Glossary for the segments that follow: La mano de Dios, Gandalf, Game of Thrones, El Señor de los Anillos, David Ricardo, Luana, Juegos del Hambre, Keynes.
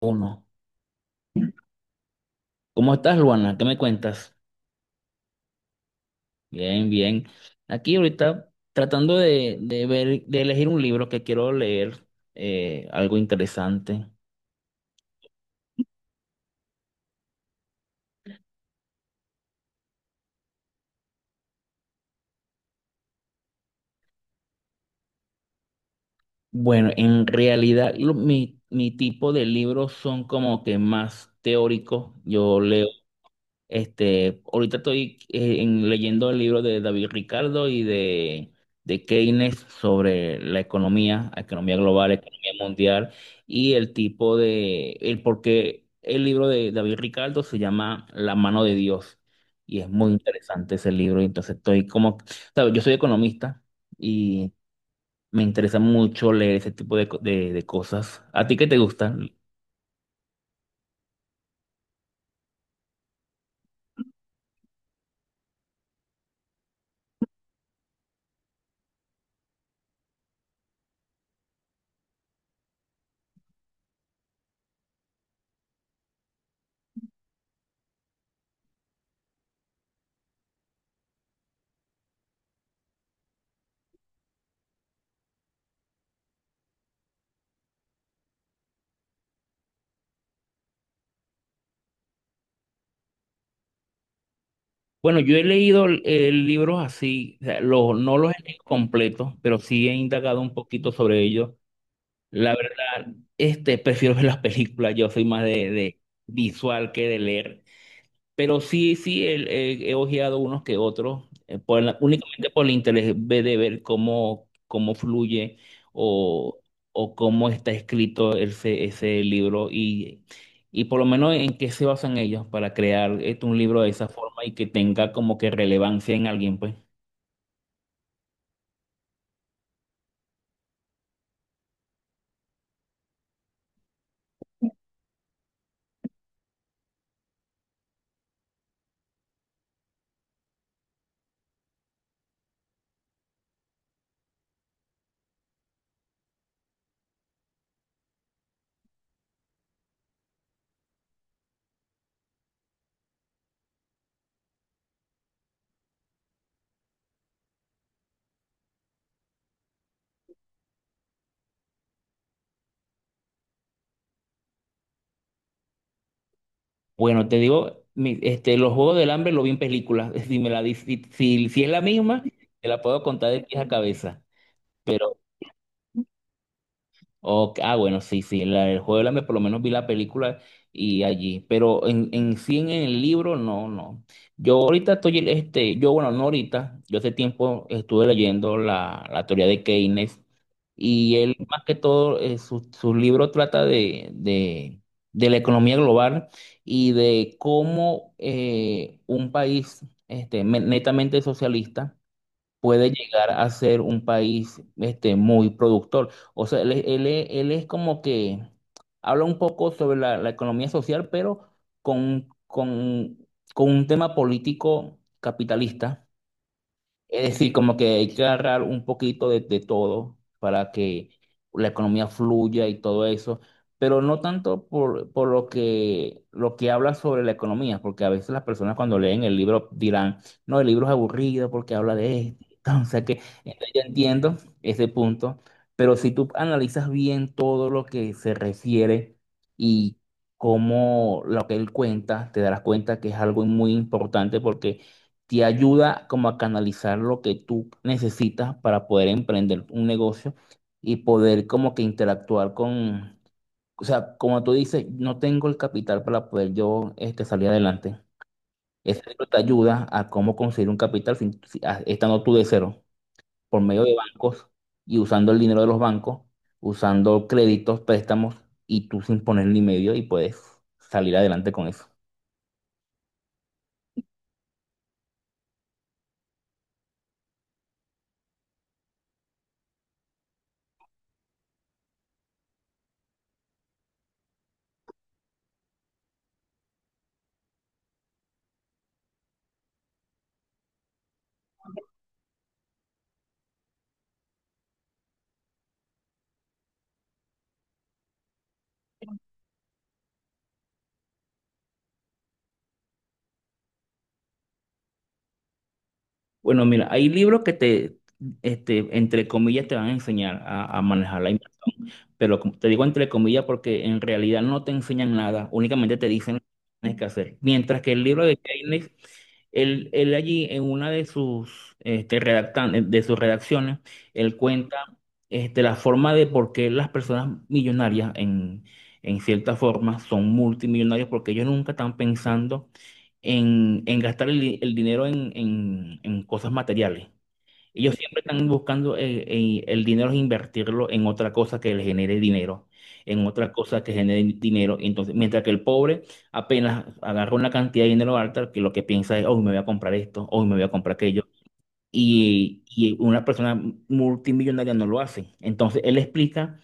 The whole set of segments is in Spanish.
Uno. ¿Cómo estás, Luana? ¿Qué me cuentas? Bien, bien. Aquí ahorita tratando de ver, de elegir un libro que quiero leer, algo interesante. Bueno, en realidad mi tipo de libros son como que más teóricos. Yo leo. Ahorita estoy leyendo el libro de David Ricardo y de Keynes sobre la economía global, economía mundial y el tipo de, el por qué el libro de David Ricardo se llama La mano de Dios y es muy interesante ese libro. Entonces estoy como, sabes, yo soy economista y me interesa mucho leer ese tipo de cosas. ¿A ti qué te gusta? Bueno, yo he leído libros así, o sea, los, no los he leído completos, pero sí he indagado un poquito sobre ellos. La verdad, prefiero ver las películas. Yo soy más de visual que de leer. Pero sí, sí, he ojeado unos que otros, por la- únicamente por el interés de ver cómo, cómo fluye o, o cómo está escrito ese libro y por lo menos en qué se basan ellos para crear un libro de esa forma y que tenga como que relevancia en alguien, pues. Bueno, te digo, los Juegos del Hambre lo vi en películas. Si me la, di- si, si si es la misma, te la puedo contar de pies a cabeza. Ok, ah, bueno, sí, sí, el juego del hambre, por lo menos vi la película y allí, pero en sí en el libro, no, no. Yo ahorita estoy, no ahorita, yo hace tiempo estuve leyendo la teoría de Keynes y él, más que todo, su libro trata de la economía global y de cómo un país netamente socialista puede llegar a ser un país muy productor. O sea, él es como que habla un poco sobre la economía social, pero con, con, con un tema político capitalista, es decir, como que hay que agarrar un poquito de todo para que la economía fluya y todo eso, pero no tanto por, lo que habla sobre la economía, porque a veces las personas cuando leen el libro dirán, no, el libro es aburrido porque habla de esto. Entonces yo entiendo ese punto, pero si tú analizas bien todo lo que se refiere y cómo lo que él cuenta, te darás cuenta que es algo muy importante porque te ayuda como a canalizar lo que tú necesitas para poder emprender un negocio y poder como que interactuar con, o sea, como tú dices, no tengo el capital para poder yo salir adelante. Ese libro te ayuda a cómo conseguir un capital estando tú de cero, por medio de bancos y usando el dinero de los bancos, usando créditos, préstamos y tú sin ponerle medio y puedes salir adelante con eso. Bueno, mira, hay libros que entre comillas, te van a enseñar a manejar la imagen. Pero como te digo entre comillas, porque en realidad no te enseñan nada, únicamente te dicen lo que tienes que hacer. Mientras que el libro de Keynes, él allí en una de de sus redacciones, él cuenta la forma de por qué las personas millonarias, en cierta forma, son multimillonarios, porque ellos nunca están pensando en gastar el dinero en cosas materiales. Ellos siempre están buscando el dinero es invertirlo en otra cosa que le genere dinero, en otra cosa que genere dinero. Entonces, mientras que el pobre apenas agarra una cantidad de dinero alta, que lo que piensa es, hoy me voy a comprar esto, hoy me voy a comprar aquello. Y una persona multimillonaria no lo hace. Entonces, él explica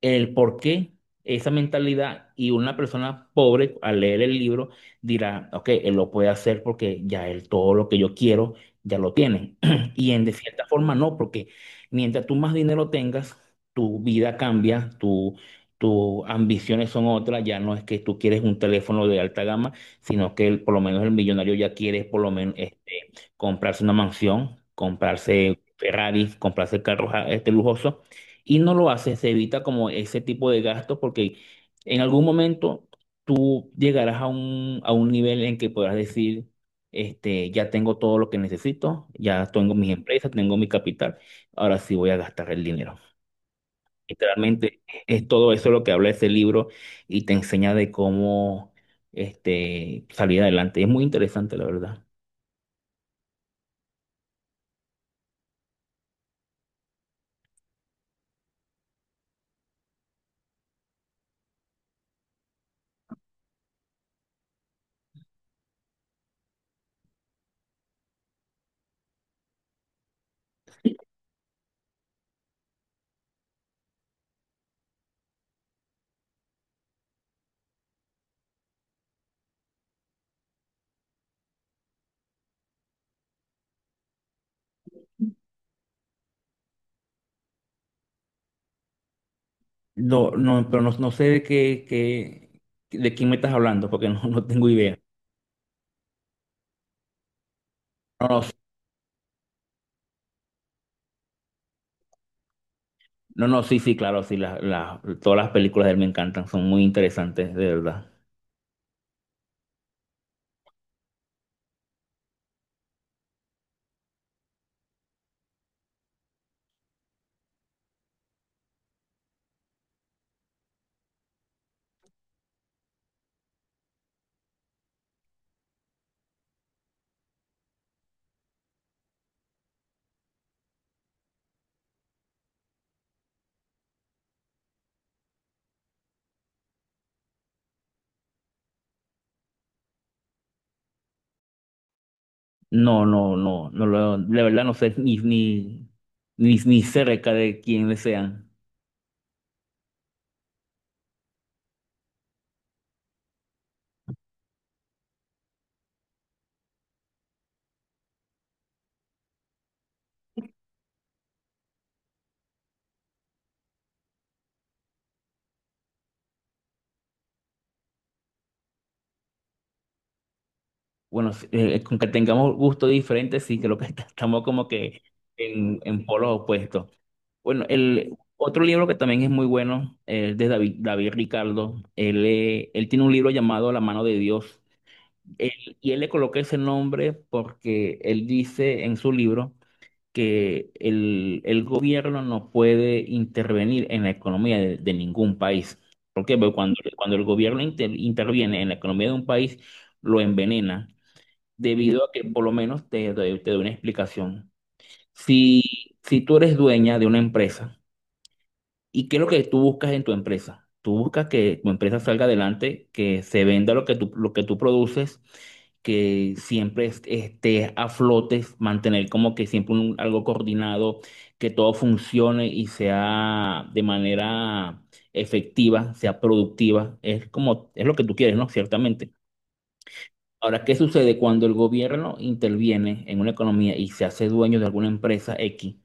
el por qué esa mentalidad, y una persona pobre al leer el libro dirá, ok, él lo puede hacer porque ya él todo lo que yo quiero ya lo tiene. Y en de cierta forma no, porque mientras tú más dinero tengas, tu vida cambia, tus ambiciones son otras, ya no es que tú quieres un teléfono de alta gama, sino que por lo menos el millonario ya quiere por lo menos comprarse una mansión, comprarse Ferrari, comprarse carros lujosos y no lo haces, se evita como ese tipo de gastos porque en algún momento tú llegarás a a un nivel en que podrás decir, ya tengo todo lo que necesito, ya tengo mis empresas, tengo mi capital, ahora sí voy a gastar el dinero. Literalmente es todo eso lo que habla ese libro y te enseña de cómo salir adelante. Es muy interesante, la verdad. No, no, pero no, no sé de qué, de quién me estás hablando, porque no, no tengo idea. No, no, no, no, sí, sí, claro, sí, todas las películas de él me encantan, son muy interesantes, de verdad. No, no, no, no, de verdad no sé ni, ni, ni, ni cerca de quiénes sean. Bueno, sí, con que tengamos gustos diferentes, sí, creo que estamos como que en polos opuestos. Bueno, el otro libro que también es muy bueno, es de David Ricardo. Él, él tiene un libro llamado La mano de Dios. Y él le coloca ese nombre porque él dice en su libro que el gobierno no puede intervenir en la economía de ningún país. ¿Por qué? Porque cuando el gobierno interviene en la economía de un país, lo envenena, debido a que por lo menos doy te doy una explicación. Si tú eres dueña de una empresa, ¿y qué es lo que tú buscas en tu empresa? Tú buscas que tu empresa salga adelante, que se venda lo que lo que tú produces, que siempre estés a flote, mantener como que siempre algo coordinado, que todo funcione y sea de manera efectiva, sea productiva. Es como, es lo que tú quieres, ¿no? Ciertamente. Ahora, ¿qué sucede cuando el gobierno interviene en una economía y se hace dueño de alguna empresa X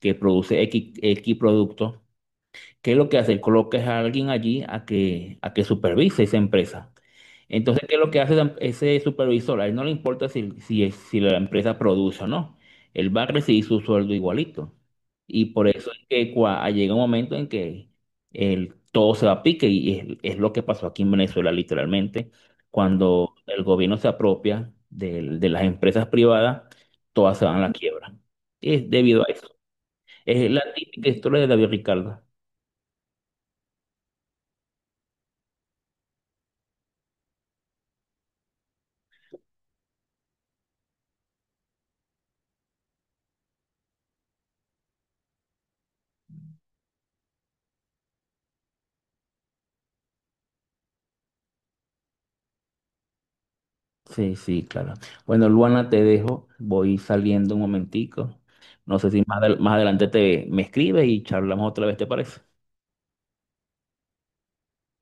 que produce X productos? ¿Qué es lo que hace? Colocas a alguien allí a que supervise esa empresa. Entonces, ¿qué es lo que hace ese supervisor? A él no le importa si la empresa produce o no. Él va a recibir su sueldo igualito. Y por eso es que llega un momento en que todo se va a pique y es lo que pasó aquí en Venezuela literalmente. Cuando el gobierno se apropia de las empresas privadas, todas se van a la quiebra. Es debido a eso. Es la típica historia de David Ricardo. Sí, sí, claro. Bueno, Luana, te dejo. Voy saliendo un momentico. No sé si más, más adelante te me escribes y charlamos otra vez, ¿te parece?